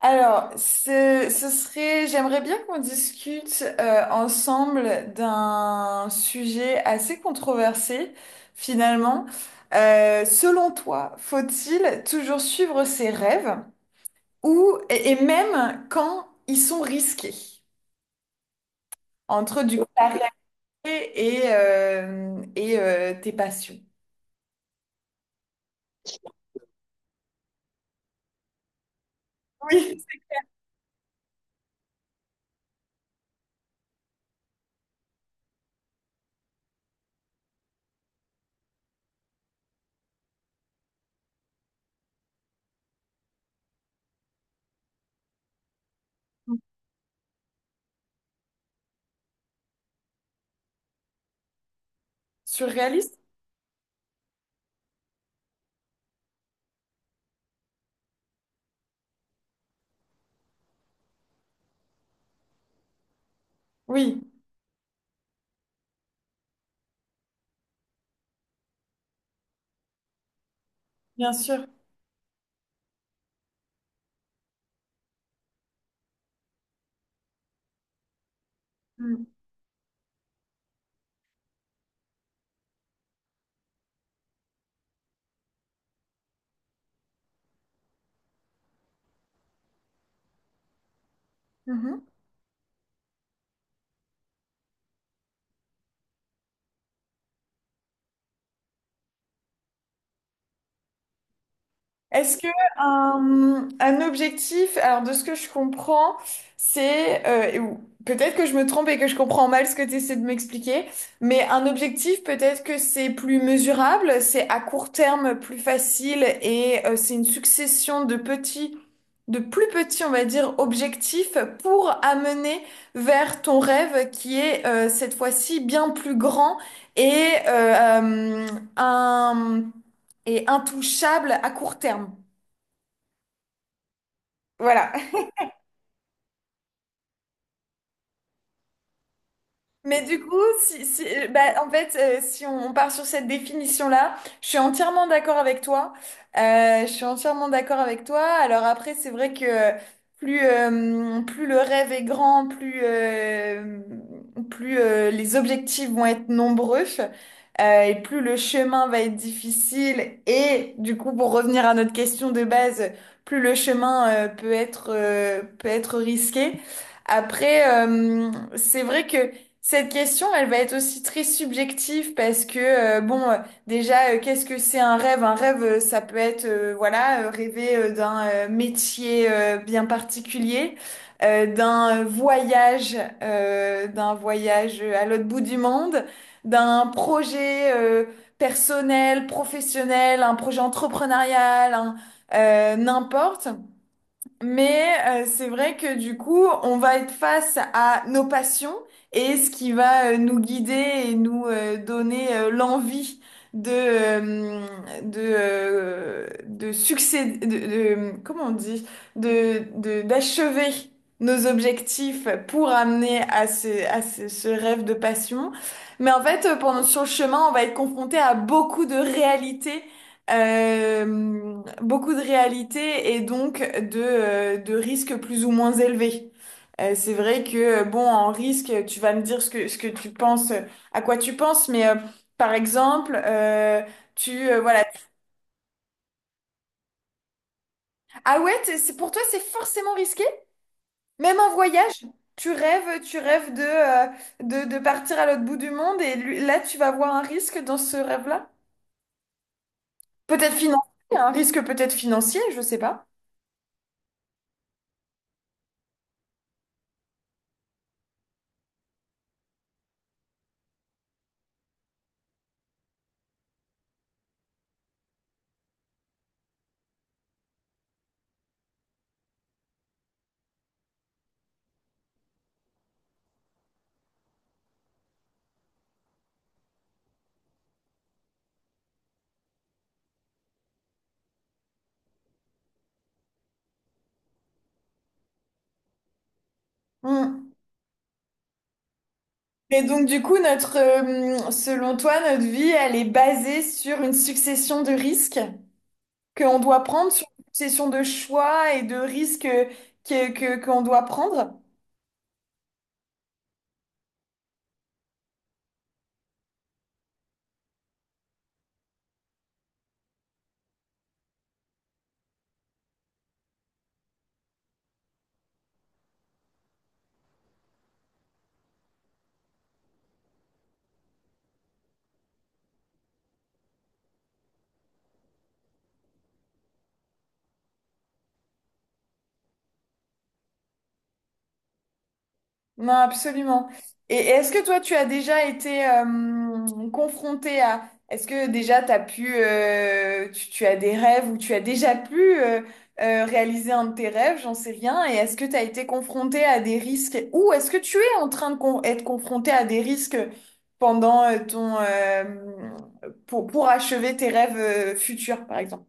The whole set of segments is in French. Alors, ce serait, j'aimerais bien qu'on discute ensemble d'un sujet assez controversé, finalement. Selon toi, faut-il toujours suivre ses rêves ou même quand ils sont risqués, entre du coup ta réalité et tes passions? Oui. Surréaliste? Oui, bien sûr. Mm. Mhm. Est-ce que un objectif, alors de ce que je comprends, c'est, peut-être que je me trompe et que je comprends mal ce que tu essaies de m'expliquer, mais un objectif, peut-être que c'est plus mesurable, c'est à court terme plus facile et c'est une succession de petits, de plus petits, on va dire, objectifs pour amener vers ton rêve qui est cette fois-ci bien plus grand et, un, et intouchable à court terme. Voilà. Mais du coup, si, si, bah, en fait, si on part sur cette définition-là, je suis entièrement d'accord avec toi. Je suis entièrement d'accord avec toi. Alors après, c'est vrai que plus le rêve est grand, plus les objectifs vont être nombreux, et plus le chemin va être difficile. Et du coup, pour revenir à notre question de base, plus le chemin peut être risqué. Après, c'est vrai que cette question, elle va être aussi très subjective parce que, qu'est-ce que c'est un rêve? Un rêve, ça peut être, voilà, rêver d'un métier bien particulier, d'un voyage, d'un voyage à l'autre bout du monde, d'un projet personnel, professionnel, un projet entrepreneurial, n'importe. Mais c'est vrai que du coup, on va être face à nos passions et ce qui va nous guider et nous donner l'envie de euh, de succéder, comment on dit, de d'achever nos objectifs pour amener à ce rêve de passion. Mais en fait, pendant sur le chemin, on va être confronté à beaucoup de réalités beaucoup de réalité et donc de risques plus ou moins élevés. C'est vrai que, bon, en risque, tu vas me dire ce que tu penses, à quoi tu penses, par exemple, euh, voilà. Ah ouais, pour toi, c'est forcément risqué? Même un voyage? Tu rêves de, de partir à l'autre bout du monde et là, tu vas voir un risque dans ce rêve-là? Peut-être financier, un risque peut-être financier, je sais pas. Hmm. Et donc, du coup, selon toi, notre vie, elle est basée sur une succession de risques qu'on doit prendre, sur une succession de choix et de risques qu'on doit prendre. Non, absolument. Et est-ce que toi, tu as déjà été confronté à... Est-ce que déjà tu as des rêves ou tu as déjà pu réaliser un de tes rêves, j'en sais rien. Et est-ce que tu as été confronté à des risques ou est-ce que tu es en train de être confronté à des risques pendant pour achever tes rêves futurs, par exemple?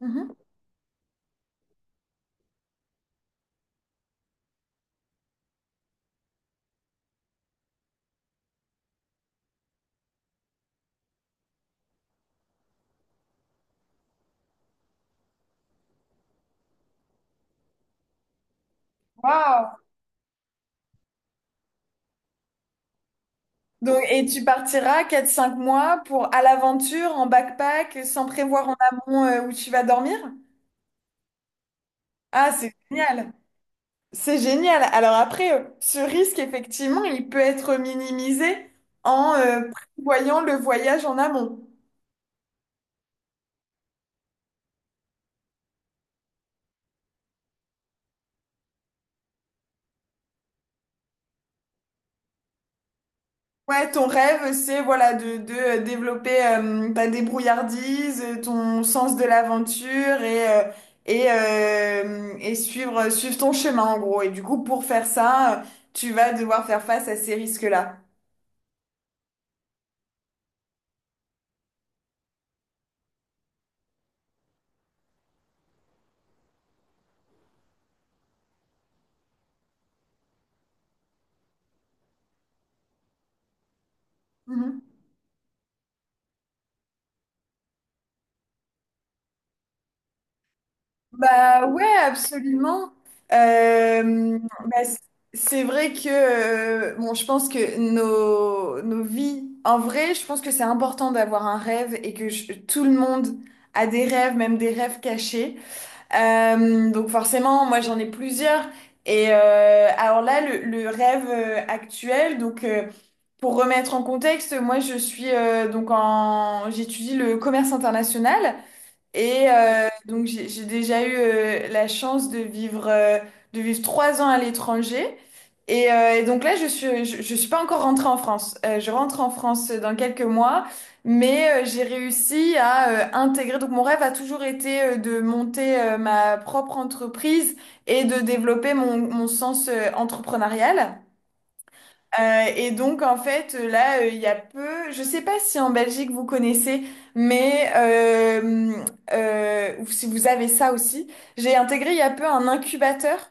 Mhm. Donc, et tu partiras quatre cinq mois pour à l'aventure, en backpack, sans prévoir en amont où tu vas dormir? Ah, c'est génial! C'est génial. Alors après, ce risque, effectivement, il peut être minimisé en prévoyant le voyage en amont. Ouais, ton rêve, c'est voilà de développer ta débrouillardise, ton sens de l'aventure et suivre, suivre ton chemin en gros. Et du coup, pour faire ça, tu vas devoir faire face à ces risques-là. Mhm. Bah ouais, absolument. Euh, bah, c- c'est vrai que je pense que nos vies, en vrai, je pense que c'est important d'avoir un rêve et que tout le monde a des rêves, même des rêves cachés. Donc forcément, moi j'en ai plusieurs. Et alors là, le rêve actuel, pour remettre en contexte, moi je suis donc en j'étudie le commerce international et donc j'ai déjà eu la chance de vivre trois ans à l'étranger. Et donc là je suis pas encore rentrée en France. Je rentre en France dans quelques mois, mais j'ai réussi à intégrer. Donc mon rêve a toujours été de monter ma propre entreprise et de développer mon sens entrepreneurial. Et donc en fait là Il y a peu, je sais pas si en Belgique vous connaissez, mais ou si vous avez ça aussi, j'ai intégré il y a peu un incubateur.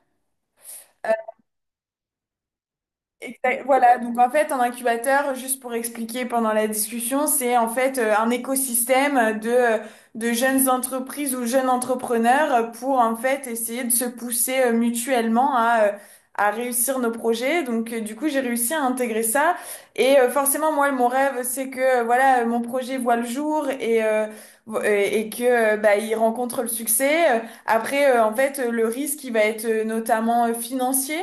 Voilà, donc en fait, un incubateur, juste pour expliquer pendant la discussion, c'est en fait un écosystème de de jeunes entreprises ou jeunes entrepreneurs pour en fait essayer de se pousser mutuellement à réussir nos projets. Du coup, j'ai réussi à intégrer ça. Et forcément, moi, mon rêve, c'est que voilà, mon projet voit le jour et que il rencontre le succès. Après, le risque, il va être notamment financier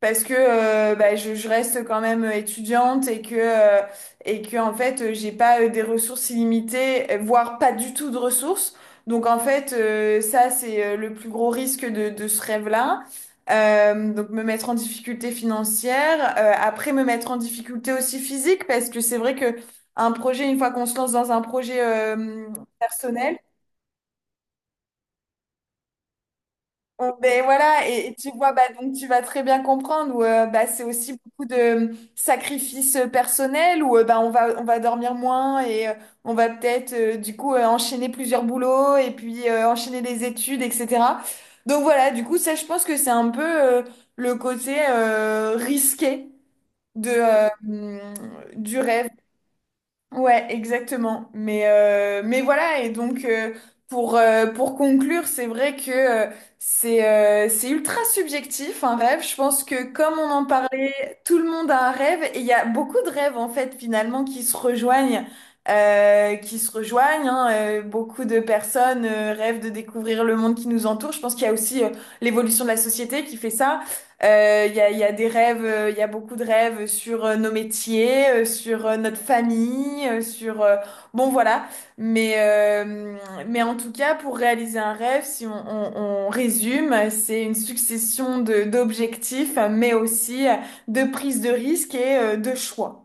parce que je reste quand même étudiante et que en fait j'ai pas des ressources illimitées, voire pas du tout de ressources. Donc en fait ça c'est le plus gros risque de ce rêve-là. Donc me mettre en difficulté financière, après me mettre en difficulté aussi physique parce que c'est vrai que un projet une fois qu'on se lance dans un projet personnel. Oh, ben voilà, et tu vois, bah, donc tu vas très bien comprendre où c'est aussi beaucoup de sacrifices personnels où on va dormir moins et on va peut-être enchaîner plusieurs boulots et puis enchaîner des études, etc. Donc voilà, du coup, ça, je pense que c'est un peu le côté risqué de, euh, hum, du rêve. Ouais, exactement. Mais voilà, et donc pour conclure, c'est vrai que c'est ultra subjectif un rêve. Je pense que comme on en parlait, tout le monde a un rêve et il y a beaucoup de rêves en fait finalement qui se rejoignent. Qui se rejoignent, hein. Beaucoup de personnes rêvent de découvrir le monde qui nous entoure. Je pense qu'il y a aussi l'évolution de la société qui fait ça. Il y a des rêves, il y a beaucoup de rêves sur nos métiers, sur notre famille, voilà. Mais, euh, mais en tout cas, pour réaliser un rêve, si on résume, c'est une succession de, d'objectifs, mais aussi de prise de risque et de choix.